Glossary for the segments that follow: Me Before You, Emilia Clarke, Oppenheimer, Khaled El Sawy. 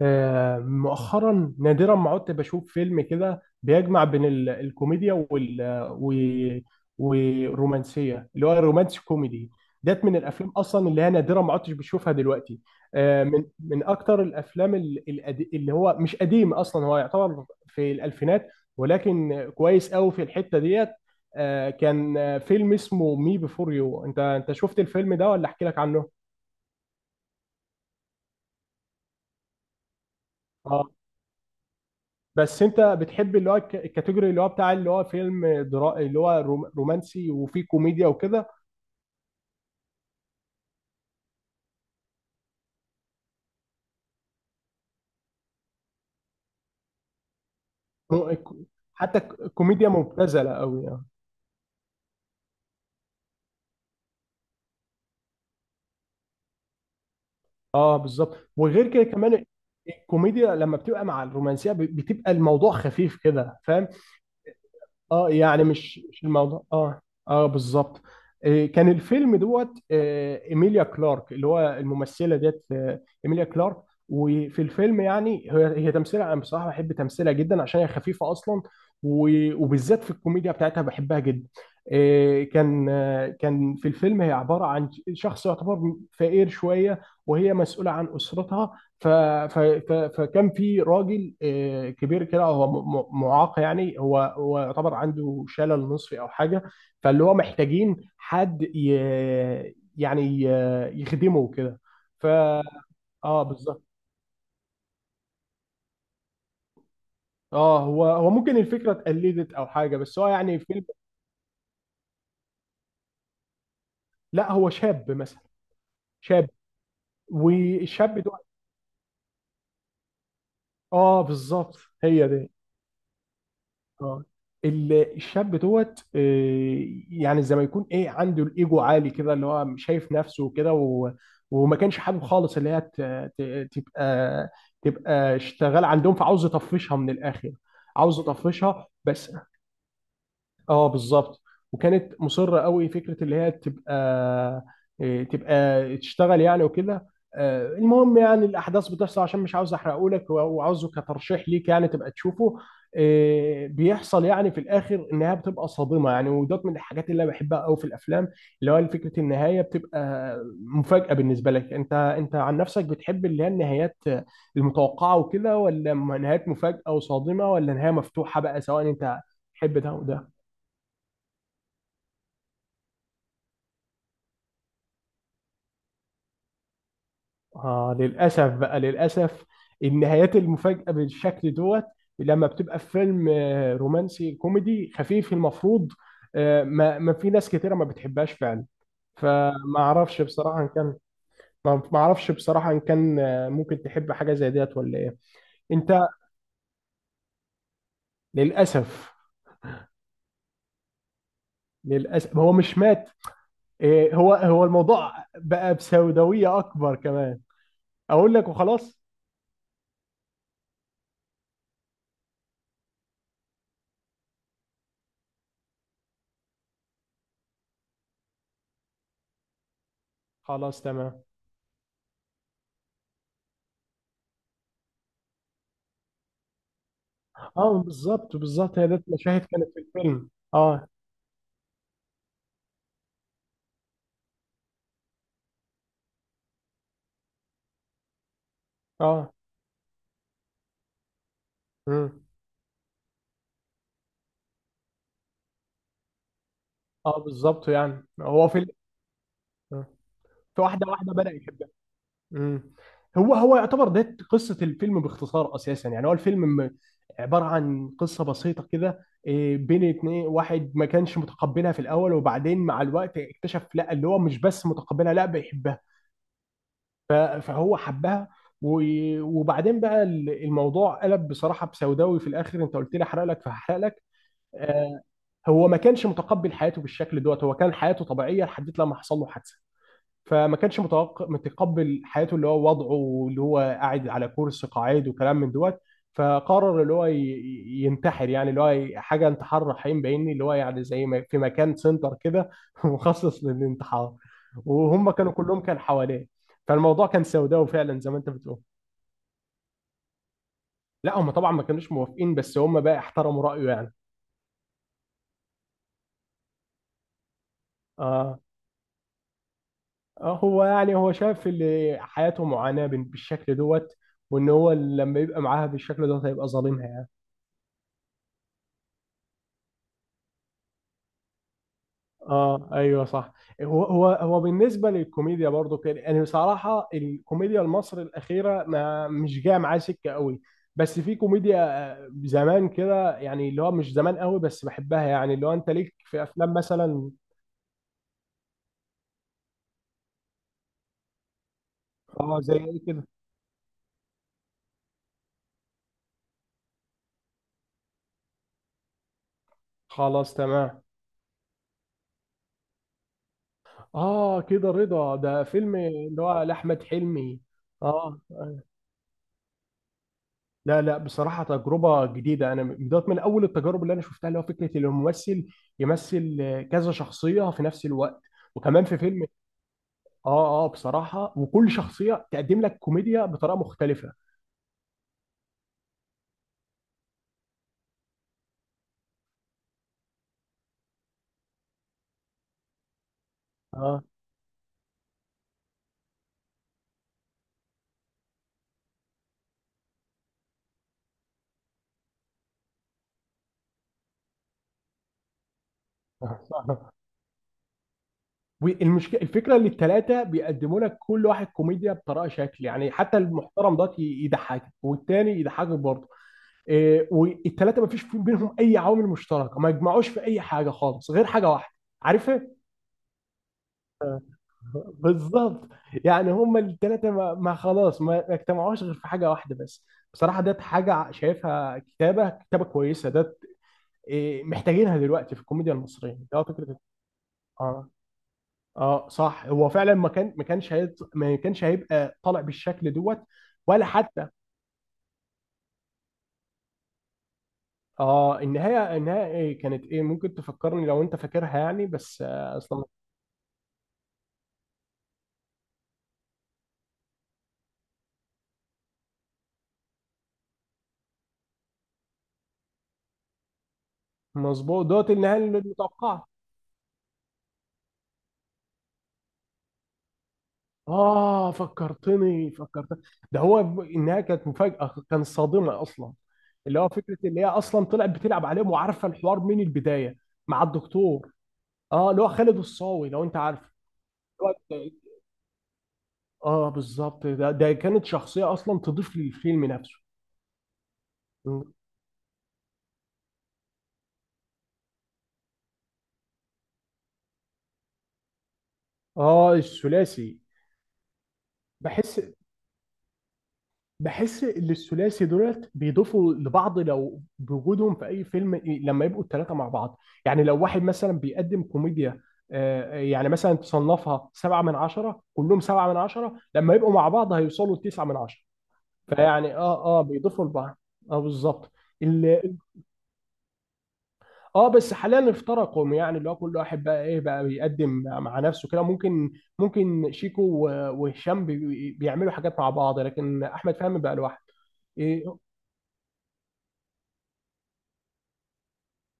مؤخرا نادرا ما عدت بشوف فيلم كده بيجمع بين الكوميديا و- والرومانسيه، اللي هو الرومانسي كوميدي. ديت من الافلام اصلا اللي هي نادرا ما عدتش بشوفها دلوقتي. من اكتر الافلام اللي هو مش قديم اصلا، هو يعتبر في الالفينات، ولكن كويس قوي في الحته ديت. آه، كان آه، فيلم اسمه مي بيفور يو. انت شفت الفيلم ده ولا احكي لك عنه؟ بس انت بتحب اللي هو الكاتيجوري اللي هو بتاع اللي هو اللي هو رومانسي وفيه كوميديا وكده. رو- الك- حتى كوميديا مبتذله قوي يعني. اه بالظبط، وغير كده كمان. الكوميديا لما بتبقى مع الرومانسيه، بتبقى الموضوع خفيف كده، فاهم. اه يعني مش الموضوع اه بالظبط. كان الفيلم دوت، ايميليا كلارك اللي هو الممثله ديت، ايميليا كلارك. وفي الفيلم يعني هي تمثيلها، انا بصراحه بحب تمثيلها جدا عشان هي خفيفه اصلا. وبالذات في الكوميديا بتاعتها بحبها جدا. كان في الفيلم هي عباره عن شخص يعتبر فقير شويه، وهي مسؤوله عن اسرتها. فكان في راجل كبير كده، هو معاق، يعني هو يعتبر عنده شلل نصفي او حاجه. فاللي هو محتاجين حد يعني يخدمه كده. ف اه بالظبط. اه هو ممكن الفكره اتقلدت او حاجه، بس هو يعني فيلم. لا هو شاب مثلا. شاب. والشاب ده. اه بالظبط، هي دي. اه الشاب دوت، يعني زي ما يكون ايه عنده الايجو عالي كده، اللي هو شايف نفسه وكده، وما كانش حابب خالص اللي هي تبقى، تبقى اشتغل عندهم، فعاوز يطفشها من الاخر. عاوز يطفشها بس. اه بالظبط. وكانت مصره قوي فكره اللي هي تبقى، إيه، تبقى تشتغل يعني وكده. المهم يعني الاحداث بتحصل، عشان مش عاوز احرقه لك، وعاوزه كترشيح ليك يعني تبقى تشوفه. بيحصل يعني في الاخر النهايه بتبقى صادمه يعني، ودوت من الحاجات اللي انا بحبها قوي في الافلام، اللي هو فكره النهايه بتبقى مفاجاه. بالنسبه لك، انت عن نفسك بتحب اللي هي النهايات المتوقعه وكده، ولا نهايات مفاجاه وصادمه، ولا نهايه مفتوحه بقى؟ سواء انت تحب ده وده. للأسف بقى، للأسف النهايات المفاجئة بالشكل دوت لما بتبقى في فيلم رومانسي كوميدي خفيف المفروض، ما في ناس كتيرة ما بتحبهاش فعلا. فما اعرفش بصراحة ان كان، ما اعرفش بصراحة ان كان ممكن تحب حاجة زي ديت ولا ايه. انت. للأسف. للأسف هو مش مات. هو الموضوع بقى بسوداوية اكبر كمان. اقول لك وخلاص. خلاص تمام. اه بالظبط بالظبط، هي ديت مشاهد كانت في الفيلم اه. اه. امم. اه بالظبط، يعني هو في في واحده واحده بدأ يحبها. امم. هو يعتبر ده قصه الفيلم باختصار اساسا، يعني هو الفيلم عباره عن قصه بسيطه كده، إيه، بين اتنين، واحد ما كانش متقبلها في الاول، وبعدين مع الوقت اكتشف لا اللي هو مش بس متقبلها، لا بيحبها. فهو حبها. وبعدين بقى الموضوع قلب بصراحه بسوداوي في الاخر. انت قلت لي احرق لك فهحرق لك. آه، هو ما كانش متقبل حياته بالشكل دوت. هو كان حياته طبيعيه لحد لما حصل له حادثه. فما كانش متقبل حياته، اللي هو وضعه واللي هو قاعد على كرسي قاعد وكلام من دوت. فقرر اللي هو ينتحر، يعني اللي هو حاجه انتحار رحيم بايني، اللي هو يعني زي ما في مكان سنتر كده مخصص للانتحار. وهم كانوا كلهم كان حواليه. فالموضوع كان سوداوي فعلا زي ما انت بتقول. لا هم طبعا ما كانوش موافقين، بس هم بقى احترموا رايه يعني. اه. هو يعني هو شايف اللي حياته معاناة بالشكل دوت. وان هو لما يبقى معاها بالشكل دوت هيبقى ظالمها يعني. اه ايوه صح. هو بالنسبة للكوميديا برضو كده، يعني بصراحة الكوميديا المصري الأخيرة ما مش جاية معايا سكة قوي. بس في كوميديا زمان كده، يعني اللي هو مش زمان قوي بس بحبها، يعني اللي هو انت ليك في افلام مثلا. اه زي ايه كده. خلاص تمام. اه كده رضا ده فيلم اللي هو لأحمد حلمي. اه. لا لا، بصراحة تجربة جديدة، أنا بدأت من أول التجارب اللي أنا شفتها اللي هو فكرة إن الممثل يمثل كذا شخصية في نفس الوقت. وكمان في فيلم. بصراحة وكل شخصية تقدم لك كوميديا بطريقة مختلفة. آه والمشكلة الفكرة إن التلاتة بيقدموا لك كل واحد كوميديا بطريقة شكل، يعني حتى المحترم ده يضحكك والتاني يضحكك برضه. إيه، والتلاتة ما فيش بينهم أي عوامل مشتركة، ما يجمعوش في أي حاجة خالص غير حاجة واحدة. عارفة. بالظبط، يعني هما الثلاثه ما, ما خلاص ما ما اجتمعوش غير في حاجه واحده بس. بصراحه ده حاجه شايفها كتابه كتابه كويسه ده. إيه، محتاجينها دلوقتي في الكوميديا المصريه، ده فكره. اه اه صح، هو فعلا ما كان ما كانش هيط... ما كانش هيبقى طالع بالشكل دوت. ولا حتى. اه، النهايه إيه كانت ايه؟ ممكن تفكرني لو انت فاكرها يعني، بس اصلا. مظبوط، دوت النهايه المتوقعه. فكرتني فكرتني. ده هو إنها كانت مفاجأة، كانت صادمة أصلا. اللي هو فكرة اللي هي أصلا طلعت بتلعب عليهم وعارفة الحوار من البداية، مع الدكتور. اللي هو خالد الصاوي لو أنت عارف. اللي هو- آه بالظبط، ده كانت شخصية أصلا تضيف للفيلم نفسه. الثلاثي. بحس بحس ان الثلاثي دولت بيضيفوا لبعض لو بوجودهم في اي فيلم، إيه، لما يبقوا الثلاثه مع بعض. يعني لو واحد مثلا بيقدم كوميديا، يعني مثلا تصنفها سبعة من عشرة، كلهم سبعة من عشرة، لما يبقوا مع بعض هيوصلوا لتسعة من عشرة. فيعني اه اه بيضيفوا لبعض. اه بالظبط. ال- اه بس حاليا افترقوا، يعني اللي هو كل واحد بقى ايه بقى بيقدم مع نفسه كده. ممكن شيكو وهشام بيعملوا حاجات مع بعض، لكن احمد فهمي بقى لوحده. إيه،.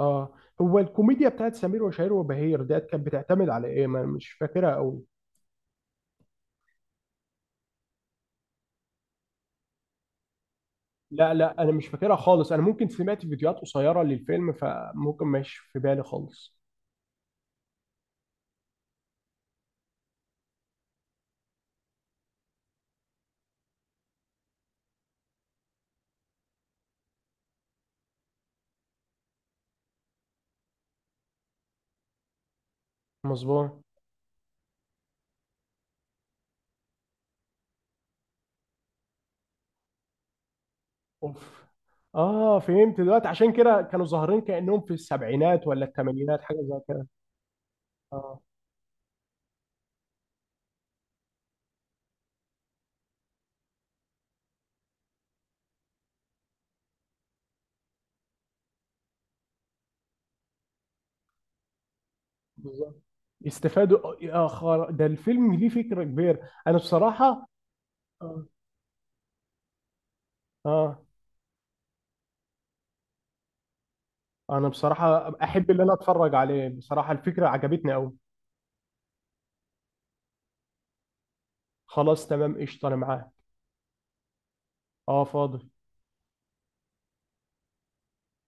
اه هو الكوميديا بتاعت سمير وشهير وبهير ديت كانت بتعتمد على ايه؟ ما أنا مش فاكرها قوي. لا لا، انا مش فاكرها خالص، انا ممكن سمعت فيديوهات قصيره للفيلم، فممكن مش في بالي خالص. مظبوط. اوف. اه فهمت دلوقتي، عشان كده كانوا ظاهرين كانهم في السبعينات ولا الثمانينات حاجه زي كده. اه بالظبط. استفادوا ده الفيلم ليه فكره كبيره. انا بصراحه. اه. آه، انا بصراحه احب اللي انا اتفرج عليه، بصراحه الفكره عجبتني قوي. خلاص تمام، قشطة، أنا معاه. أه فاضي